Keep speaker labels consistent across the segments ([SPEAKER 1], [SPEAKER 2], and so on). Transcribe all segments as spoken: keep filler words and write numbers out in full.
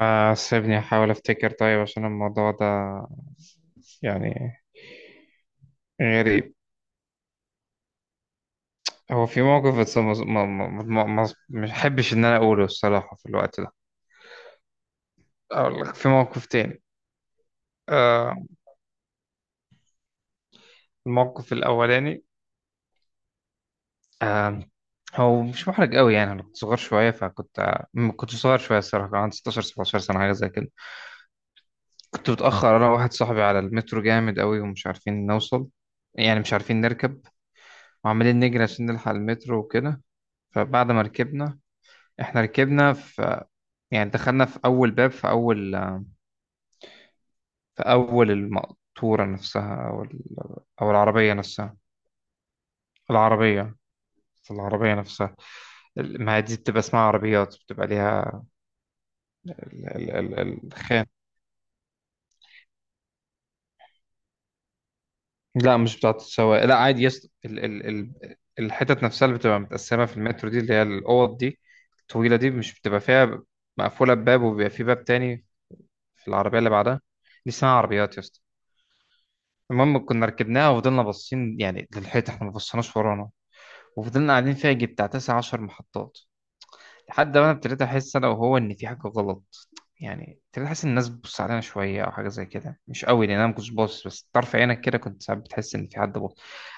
[SPEAKER 1] آه، سيبني أحاول أفتكر. طيب، عشان الموضوع ده يعني غريب. هو في موقف، بس ما ما ما ما ما- مش أحبش إن أنا أقوله الصراحة في الوقت ده. أقول لك في موقف تاني. آه، الموقف الأولاني. آه، هو مش محرج قوي يعني. أنا كنت صغير شوية، فكنت آه، م- كنت صغير شوية الصراحة. كان عندي ستة عشر سبعتاشر سنة حاجة زي كده. كنت متأخر أنا وواحد صاحبي على المترو جامد قوي، ومش عارفين نوصل يعني، مش عارفين نركب، وعمالين نجري عشان نلحق المترو وكده. فبعد ما ركبنا، احنا ركبنا في، يعني دخلنا في اول باب، في اول، في اول المقطورة نفسها، او ال- او العربية نفسها. العربية، في العربية نفسها. ما هي دي بتبقى اسمها عربيات، بتبقى ليها ال ال ال الخان. لا مش بتاعة السواق، لا عادي. يس، ال ال ال الحتت نفسها اللي بتبقى متقسمة في المترو، دي اللي هي الأوض دي الطويلة دي. مش بتبقى فيها مقفولة بباب، وبيبقى في باب تاني في العربية اللي بعدها. دي اسمها عربيات، يس. المهم كنا ركبناها، وفضلنا باصين يعني للحيط، احنا ما بصيناش ورانا. وفضلنا قاعدين فيها يجي بتاع تسع عشر محطات، لحد ما انا ابتديت احس انا وهو ان في حاجه غلط. يعني ابتديت احس ان الناس بتبص علينا شويه او حاجه زي كده، مش قوي، لان انا ما كنتش باصص، بس طرف عينك كده كنت ساعات بتحس ان في حد باصص.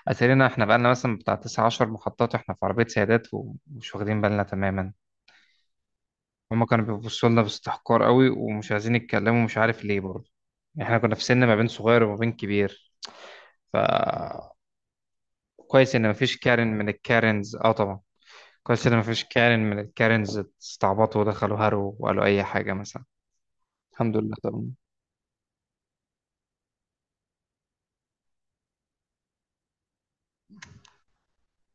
[SPEAKER 1] اتارينا احنا بقالنا مثلا بتاع تسع عشر محطات واحنا في عربيه سيادات، ومش واخدين بالنا تماما. هما كانوا بيبصوا لنا باستحقار قوي، ومش عايزين يتكلموا، مش عارف ليه برضه. يعني احنا كنا في سن ما بين صغير وما بين كبير. ف كويس ان مفيش كارن من الكارنز، اه طبعا. كويس ان مفيش كارن من الكارنز استعبطوا ودخلوا هارو وقالوا اي حاجه مثلا. الحمد لله طبعا.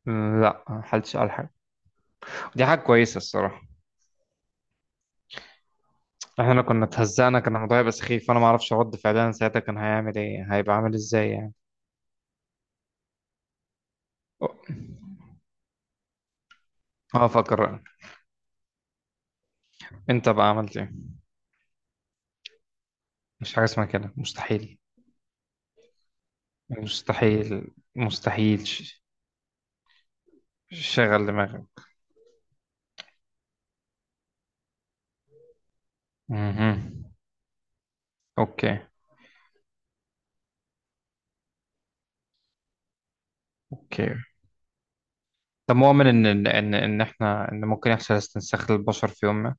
[SPEAKER 1] م، لا ما حلتش قال حاجه. دي حاجه كويسه الصراحه. احنا كنا اتهزقنا، كان الموضوع هيبقى سخيف، فانا ما اعرفش رد فعلنا ساعتها كان هيعمل ايه، هيبقى عامل ازاي يعني. اه فكر، انت بقى عملت ايه؟ مش حاجه اسمها كده، مستحيل. مستحيل مستحيل ش- شغل دماغك. مهم. اوكي، اوكي. طب مؤمن ان ان ان إن احنا ان ممكن يحصل استنساخ للبشر في يوم ما؟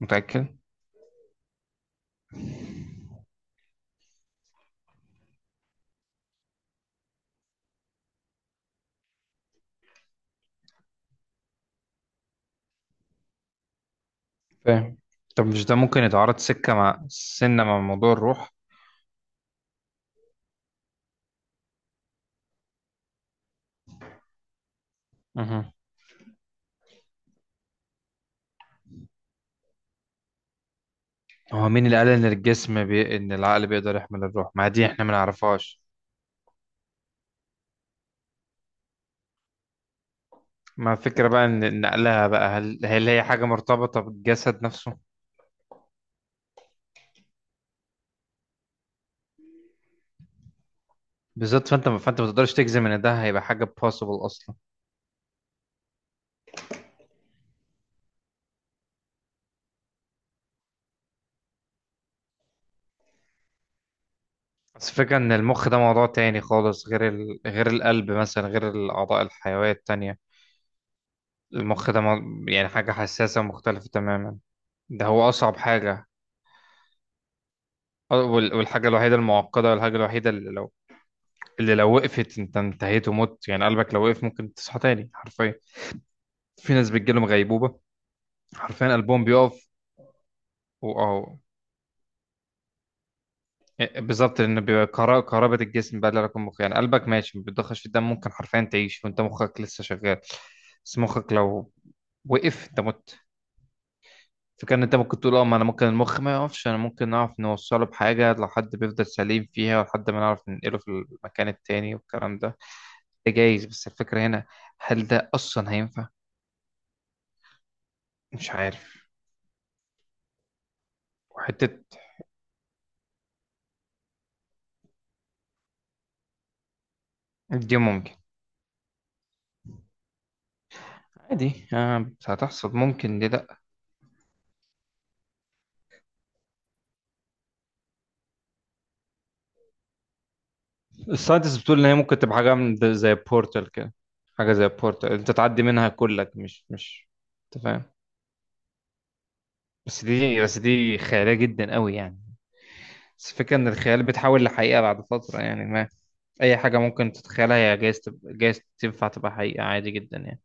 [SPEAKER 1] متأكد؟ فاهم. طب مش ده ممكن يتعارض سكة مع سنة مع موضوع الروح؟ مهم. هو مين اللي قال ان الجسم بي... ان العقل بيقدر يحمل الروح؟ ما دي احنا ما نعرفهاش. ما الفكرة بقى ان إن نقلها بقى، هل هل هي حاجة مرتبطة بالجسد نفسه؟ بالظبط. فانت فانت ما تقدرش تجزم ان ده هيبقى حاجة possible اصلا. بس الفكرة ان المخ ده موضوع تاني خالص، غير ال... غير القلب مثلا، غير الاعضاء الحيوية التانية. المخ ده مو- يعني حاجة حساسة ومختلفة تماما. ده هو أصعب حاجة. أه، وال- والحاجة الوحيدة المعقدة، والحاجة الوحيدة اللي لو اللي لو وقفت أنت انتهيت ومت يعني. قلبك لو وقف ممكن تصحى تاني حرفيا. في ناس بتجيلهم غيبوبة، حرفيا قلبهم بيقف وأهو. بالظبط، لأن بيبقى كرا- كهربة الجسم بقى اللي لك المخ يعني. قلبك ماشي ما بتضخش في الدم، ممكن حرفيا تعيش وأنت مخك لسه شغال. بس مخك لو وقف أنت مت. فكان انت ممكن تقول اه، ما انا ممكن المخ ما يقفش، انا ممكن نعرف نوصله بحاجة لو حد بيفضل سليم فيها، ولحد ما نعرف ننقله في المكان التاني والكلام ده. ده جايز، بس الفكرة هنا هل ده اصلا هينفع؟ مش عارف. وحتة دي ممكن عادي. آه، بس هتحصل ممكن، ليه لا. الساينتست بتقول ان هي ممكن تبقى حاجة من ده- زي بورتال كده. حاجة زي بورتال انت تعدي منها كلك، مش مش انت فاهم. بس دي بس دي خيالية جدا قوي يعني. بس الفكرة ان الخيال بيتحول لحقيقة بعد فترة يعني. اي حاجه ممكن تتخيلها هي جايز تبقى، جايز تنفع تبقى حقيقه عادي جدا يعني.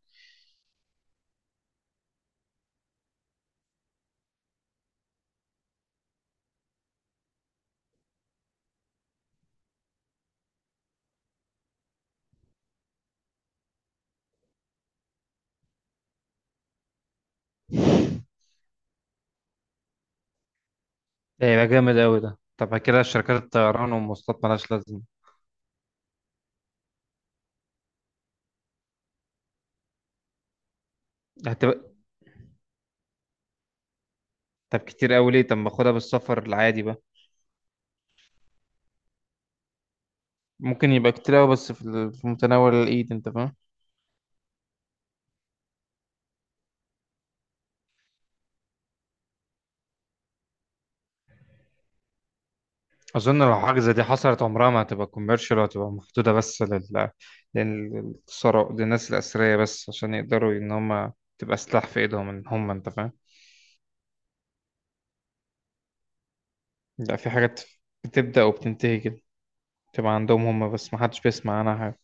[SPEAKER 1] ده هيبقى جامد قوي ده. طب كده شركات الطيران والمواصلات مالهاش لازمه. هتبقى. طب كتير قوي ليه؟ طب ما اخدها بالسفر العادي بقى. ممكن يبقى كتير قوي، بس في ال- في متناول الايد، انت فاهم. اظن لو حاجه زي دي حصلت عمرها ما هتبقى كوميرشال، وهتبقى محدوده بس لل للثراء، للناس الاثرياء بس، عشان يقدروا ان هم تبقى سلاح في ايدهم، ان هم انت فاهم. لا، في حاجات بتبدا وبتنتهي كده، تبقى عندهم هم بس ما حدش بيسمع عنها حاجه.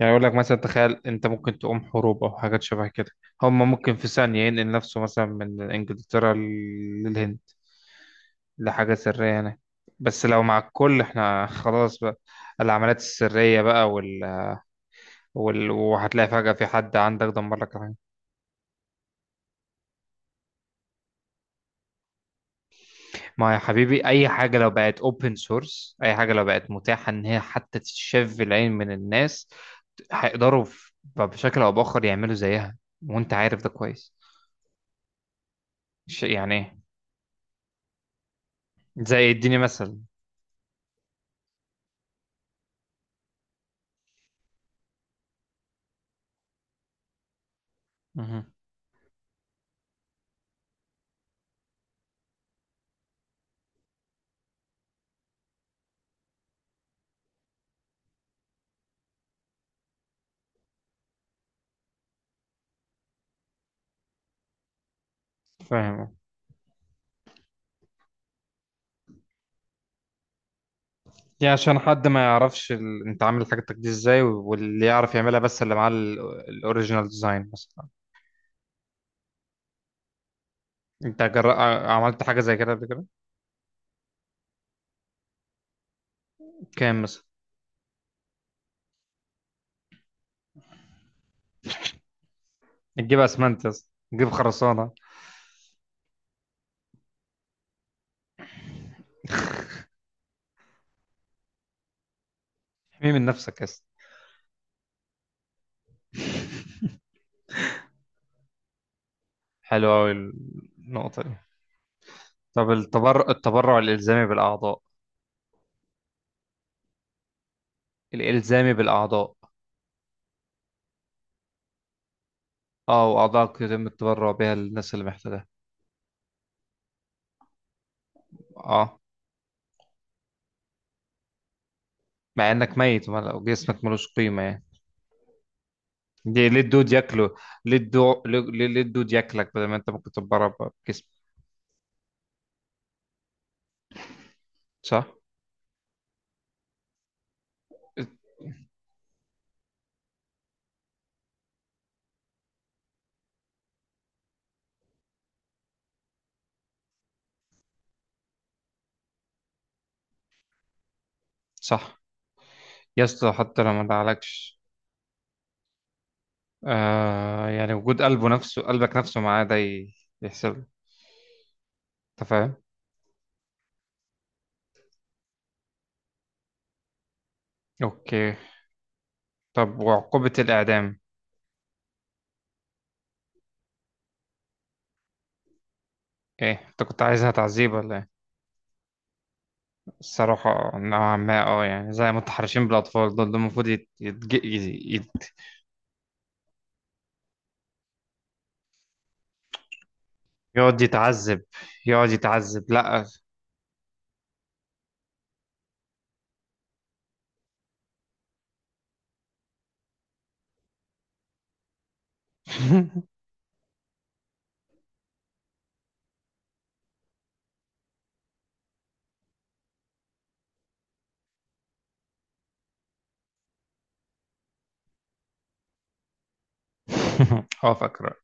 [SPEAKER 1] يعني يقول لك مثلا تخيل، انت ممكن تقوم حروب او حاجات شبه كده. هما ممكن في ثانية ينقل نفسه مثلا من انجلترا للهند لحاجة سرية هنا. بس لو مع الكل احنا خلاص بقى. العمليات السرية بقى وال... وال... وهتلاقي فجأة في حد عندك دمر لك الحاجة. ما يا حبيبي، أي حاجة لو بقت open source، أي حاجة لو بقت متاحة إن هي حتى تتشاف في العين من الناس، هيقدروا في- بشكل أو بآخر يعملوا زيها. وأنت عارف ده كويس. ش- يعني إيه؟ زي اديني مثل. مهم. فاهم. يعني عشان حد ما يعرفش ال... انت عامل حاجتك دي ازاي، واللي يعرف يعملها بس اللي معاه ال- الاوريجينال ديزاين مثلا. انت جر... عملت حاجه زي كده قبل كده؟ كام مثلا؟ تجيب اسمنت يا اسطى، تجيب خرسانه. احمي من نفسك يا اسطى. حلوه قوي النقطه دي. طب التبر... التبرع الالزامي بالاعضاء. الالزامي بالاعضاء. اه، واعضائك يتم التبرع بها للناس اللي محتاجها. اه. مع انك ميت وما- وجسمك ملوش قيمه يعني. دي ليه الدود ياكله، ليه الدو... ليه ليه الدود ياكلك بدل ما انت ممكن تتبرع بجسم. صح. صح يا اسطى، حتى لو ما دعلكش. آه يعني وجود قلبه نفسه، قلبك نفسه معاه، ده ي- يحسب له. انت فاهم. اوكي. طب وعقوبة الإعدام؟ ايه، انت كنت عايزها تعذيب ولا ايه؟ الصراحة نوعا ما، اه يعني زي متحرشين بالأطفال دول، دول المفروض يت... يتج... يت... يت... يقعد يتعذب. يقعد يتعذب، لا. اه فاكر.